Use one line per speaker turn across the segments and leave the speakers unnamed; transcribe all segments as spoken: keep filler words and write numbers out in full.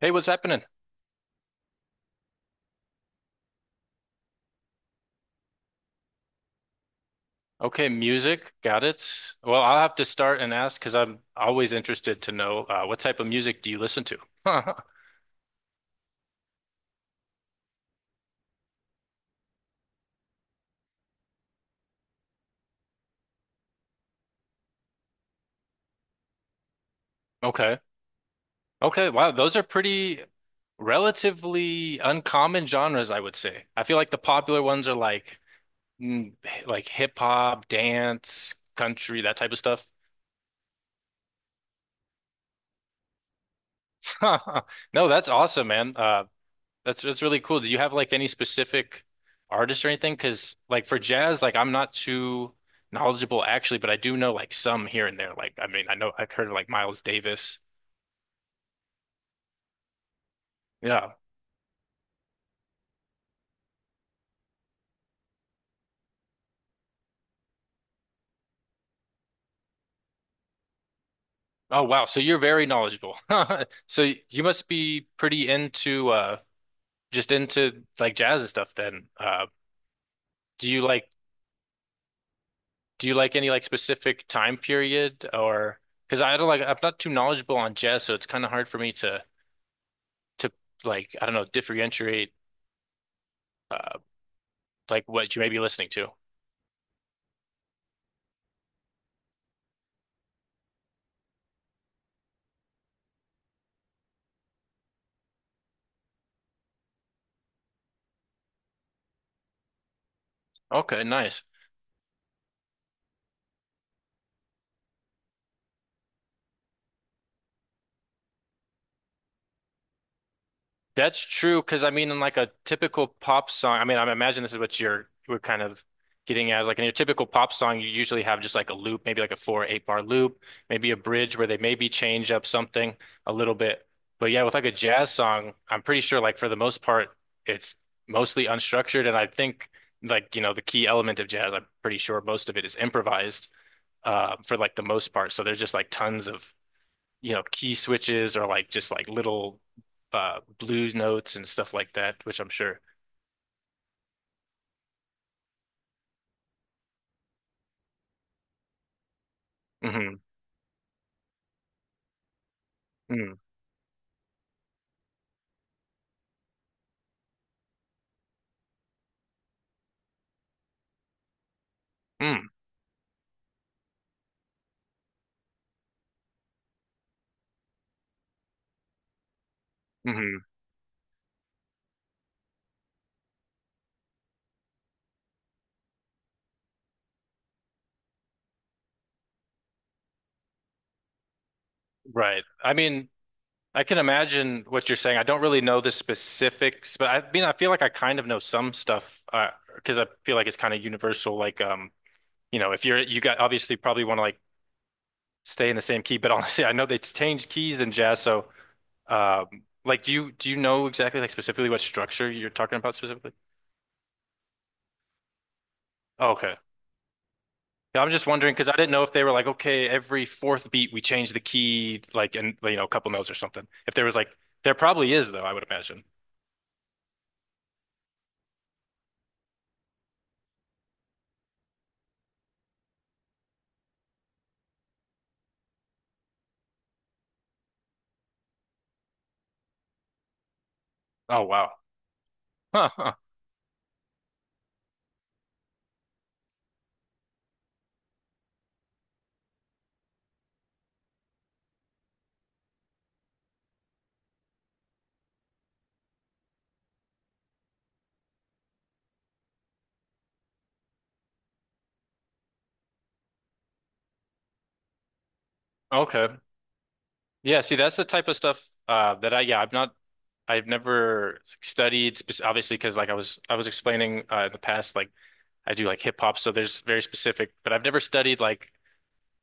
Hey, what's happening? Okay, music, got it. Well, I'll have to start and ask because I'm always interested to know uh, what type of music do you listen to? Okay. Okay, wow, those are pretty relatively uncommon genres, I would say. I feel like the popular ones are like mm, like hip hop, dance, country, that type of stuff. No, that's awesome, man. Uh, That's that's really cool. Do you have like any specific artist or anything? Because like for jazz, like I'm not too knowledgeable actually, but I do know like some here and there. Like I mean, I know I've heard of like Miles Davis. Yeah. Oh wow. So you're very knowledgeable. So you must be pretty into uh just into like jazz and stuff then. Uh, do you like do you like any like specific time period or because I don't like I'm not too knowledgeable on jazz, so it's kind of hard for me to to like I don't know differentiate. uh, like what you may be listening to. Okay, nice. That's true because I mean, in like a typical pop song, I mean, I imagine this is what you're we're kind of getting at. Is, Like in your typical pop song, you usually have just like a loop, maybe like a four or eight bar loop, maybe a bridge where they maybe change up something a little bit. But yeah, with like a jazz song, I'm pretty sure like for the most part, it's mostly unstructured, and I think like you know the key element of jazz, I'm pretty sure most of it is improvised uh, for like the most part. So there's just like tons of you know, key switches or like just like little uh blues notes and stuff like that, which I'm sure. Hmm. Mm. Mm. Hmm. Right. I mean, I can imagine what you're saying. I don't really know the specifics, but I mean, I feel like I kind of know some stuff uh, because I feel like it's kind of universal. Like, um, you know, if you're you got obviously probably want to like stay in the same key, but honestly, I know they changed keys in jazz, so um, like, do you do you know exactly like specifically what structure you're talking about specifically? Yeah, I'm just wondering because I didn't know if they were like, okay, every fourth beat we change the key, like, and you know, a couple notes or something. If there was like, there probably is though, I would imagine. Oh wow. Huh, huh. Okay. Yeah. See, that's the type of stuff uh, that I, yeah, i have not, I've never studied spec- obviously because like I was, I was explaining uh, in the past, like I do like hip hop, so there's very specific, but I've never studied like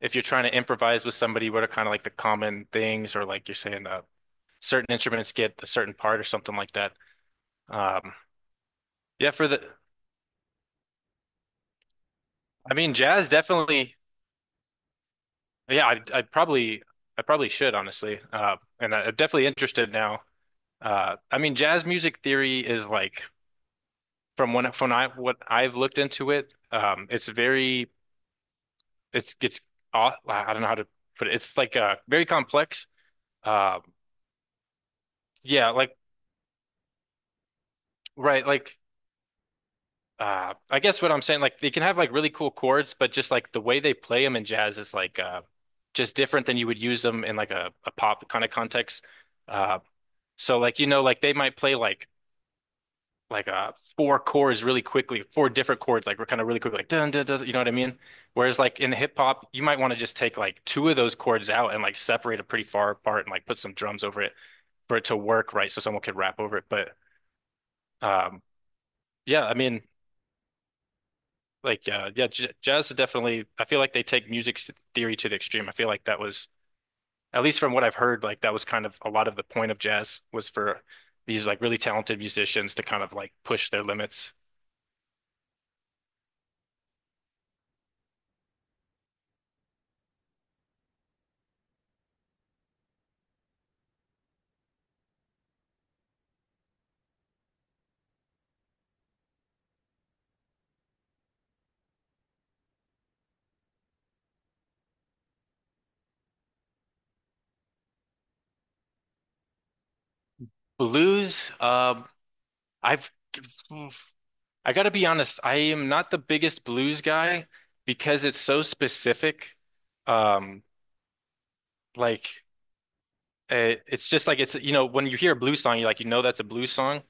if you're trying to improvise with somebody, what are kind of like the common things or like you're saying uh, certain instruments get a certain part or something like that. Um, yeah, for the I mean, jazz definitely. Yeah, I, I probably, I probably should honestly. Uh, and I, I'm definitely interested now. Uh, I mean, jazz music theory is like from when from I what I've looked into it. Um, it's very, it's it's aw- I don't know how to put it. It's like uh very complex. Uh, yeah, like right, like uh, I guess what I'm saying, like they can have like really cool chords, but just like the way they play them in jazz is like uh, just different than you would use them in like a, a pop kind of context. Uh, So like you know like they might play like like uh four chords really quickly, four different chords like we're kind of really quick like dun dun dun, you know what I mean? Whereas like in hip hop, you might want to just take like two of those chords out and like separate it pretty far apart and like put some drums over it for it to work right so someone could rap over it. But um yeah, I mean like uh yeah, j jazz is definitely I feel like they take music s- theory to the extreme. I feel like that was at least from what I've heard like that was kind of a lot of the point of jazz was for these like really talented musicians to kind of like push their limits. Blues, um, I've I gotta be honest, I am not the biggest blues guy because it's so specific. Um, like it, it's just like it's you know when you hear a blues song, you like you know that's a blues song.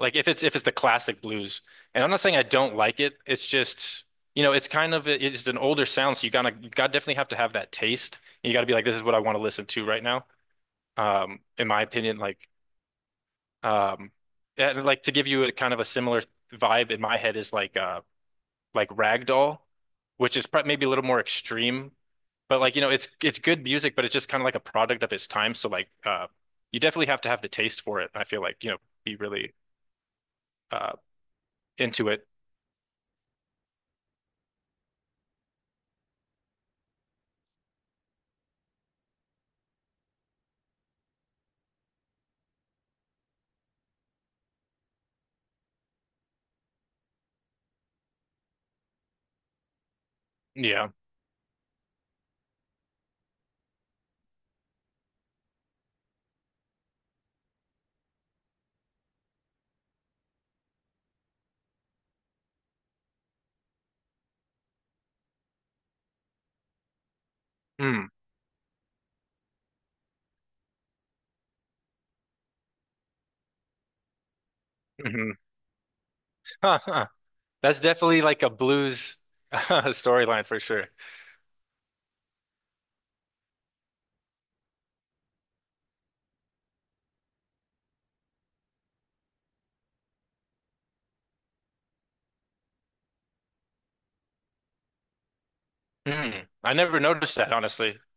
Like if it's if it's the classic blues, and I'm not saying I don't like it. It's just you know it's kind of it's an older sound, so you gotta you gotta definitely have to have that taste. You gotta be like this is what I want to listen to right now. Um, in my opinion, like. Um, and like to give you a kind of a similar vibe in my head is like uh like Ragdoll, which is prob- maybe a little more extreme, but like you know it's it's good music, but it's just kind of like a product of its time. So like uh, you definitely have to have the taste for it. I feel like you know be really uh into it. Yeah. Mm. Hmm. Huh, huh. That's definitely like a blues storyline for sure. Mm. I never noticed that honestly.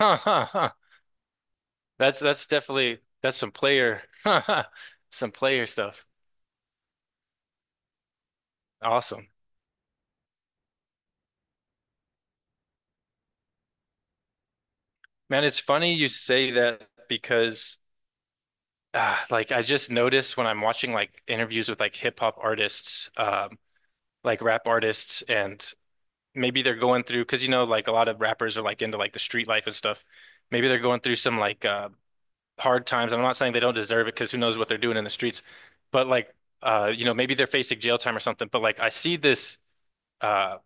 Huh, huh, huh. That's that's definitely that's some player some player stuff. Awesome. Man, it's funny you say that because uh, like I just noticed when I'm watching like interviews with like hip hop artists, um, like rap artists and maybe they're going through because you know like a lot of rappers are like into like the street life and stuff. Maybe they're going through some like uh hard times. I'm not saying they don't deserve it because who knows what they're doing in the streets, but like uh you know maybe they're facing jail time or something, but like I see this uh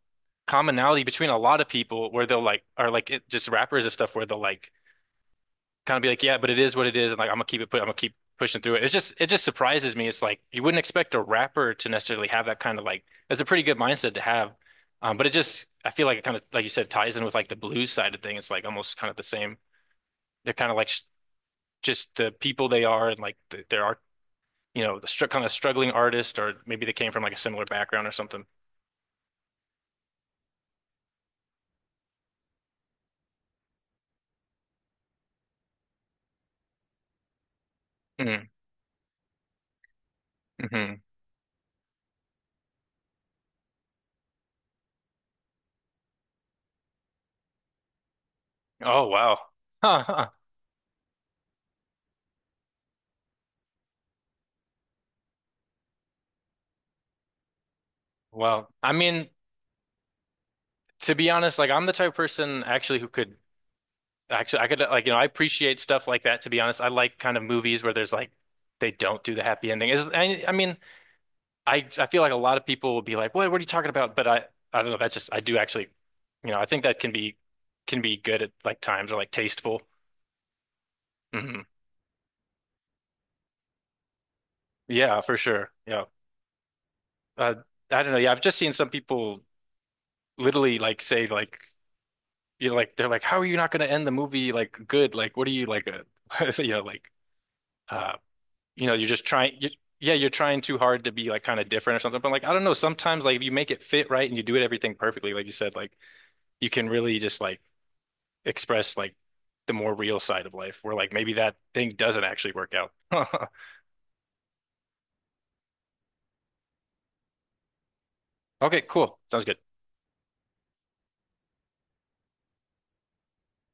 commonality between a lot of people where they'll like are like it, just rappers and stuff where they'll like kind of be like, yeah, but it is what it is, and like I'm gonna keep it put, I'm gonna keep pushing through it. It just it just surprises me. It's like you wouldn't expect a rapper to necessarily have that kind of like it's a pretty good mindset to have, um, but it just I feel like it kind of like you said ties in with like the blues side of thing. It's like almost kind of the same. They're kind of like sh just the people they are and like the, there are you know the str kind of struggling artist or maybe they came from like a similar background or something. Mm-hmm. Mm-hmm. Oh wow. Huh, huh. Well, I mean, to be honest, like I'm the type of person actually who could actually I could like you know I appreciate stuff like that. To be honest, I like kind of movies where there's like they don't do the happy ending. Is I, I mean I I feel like a lot of people will be like, what what are you talking about? But I I don't know. That's just I do actually, you know, I think that can be can be good at like times or like tasteful. Hmm. Yeah, for sure. Yeah. Uh, I don't know. Yeah, I've just seen some people literally like say like you know like they're like, how are you not going to end the movie like good? Like what are you like a you know like. Uh, you know, you're just trying, you, yeah, you're trying too hard to be like kind of different or something. But like, I don't know, sometimes like if you make it fit right and you do it everything perfectly, like you said, like you can really just like express like the more real side of life where like maybe that thing doesn't actually work out. Okay, cool. Sounds good.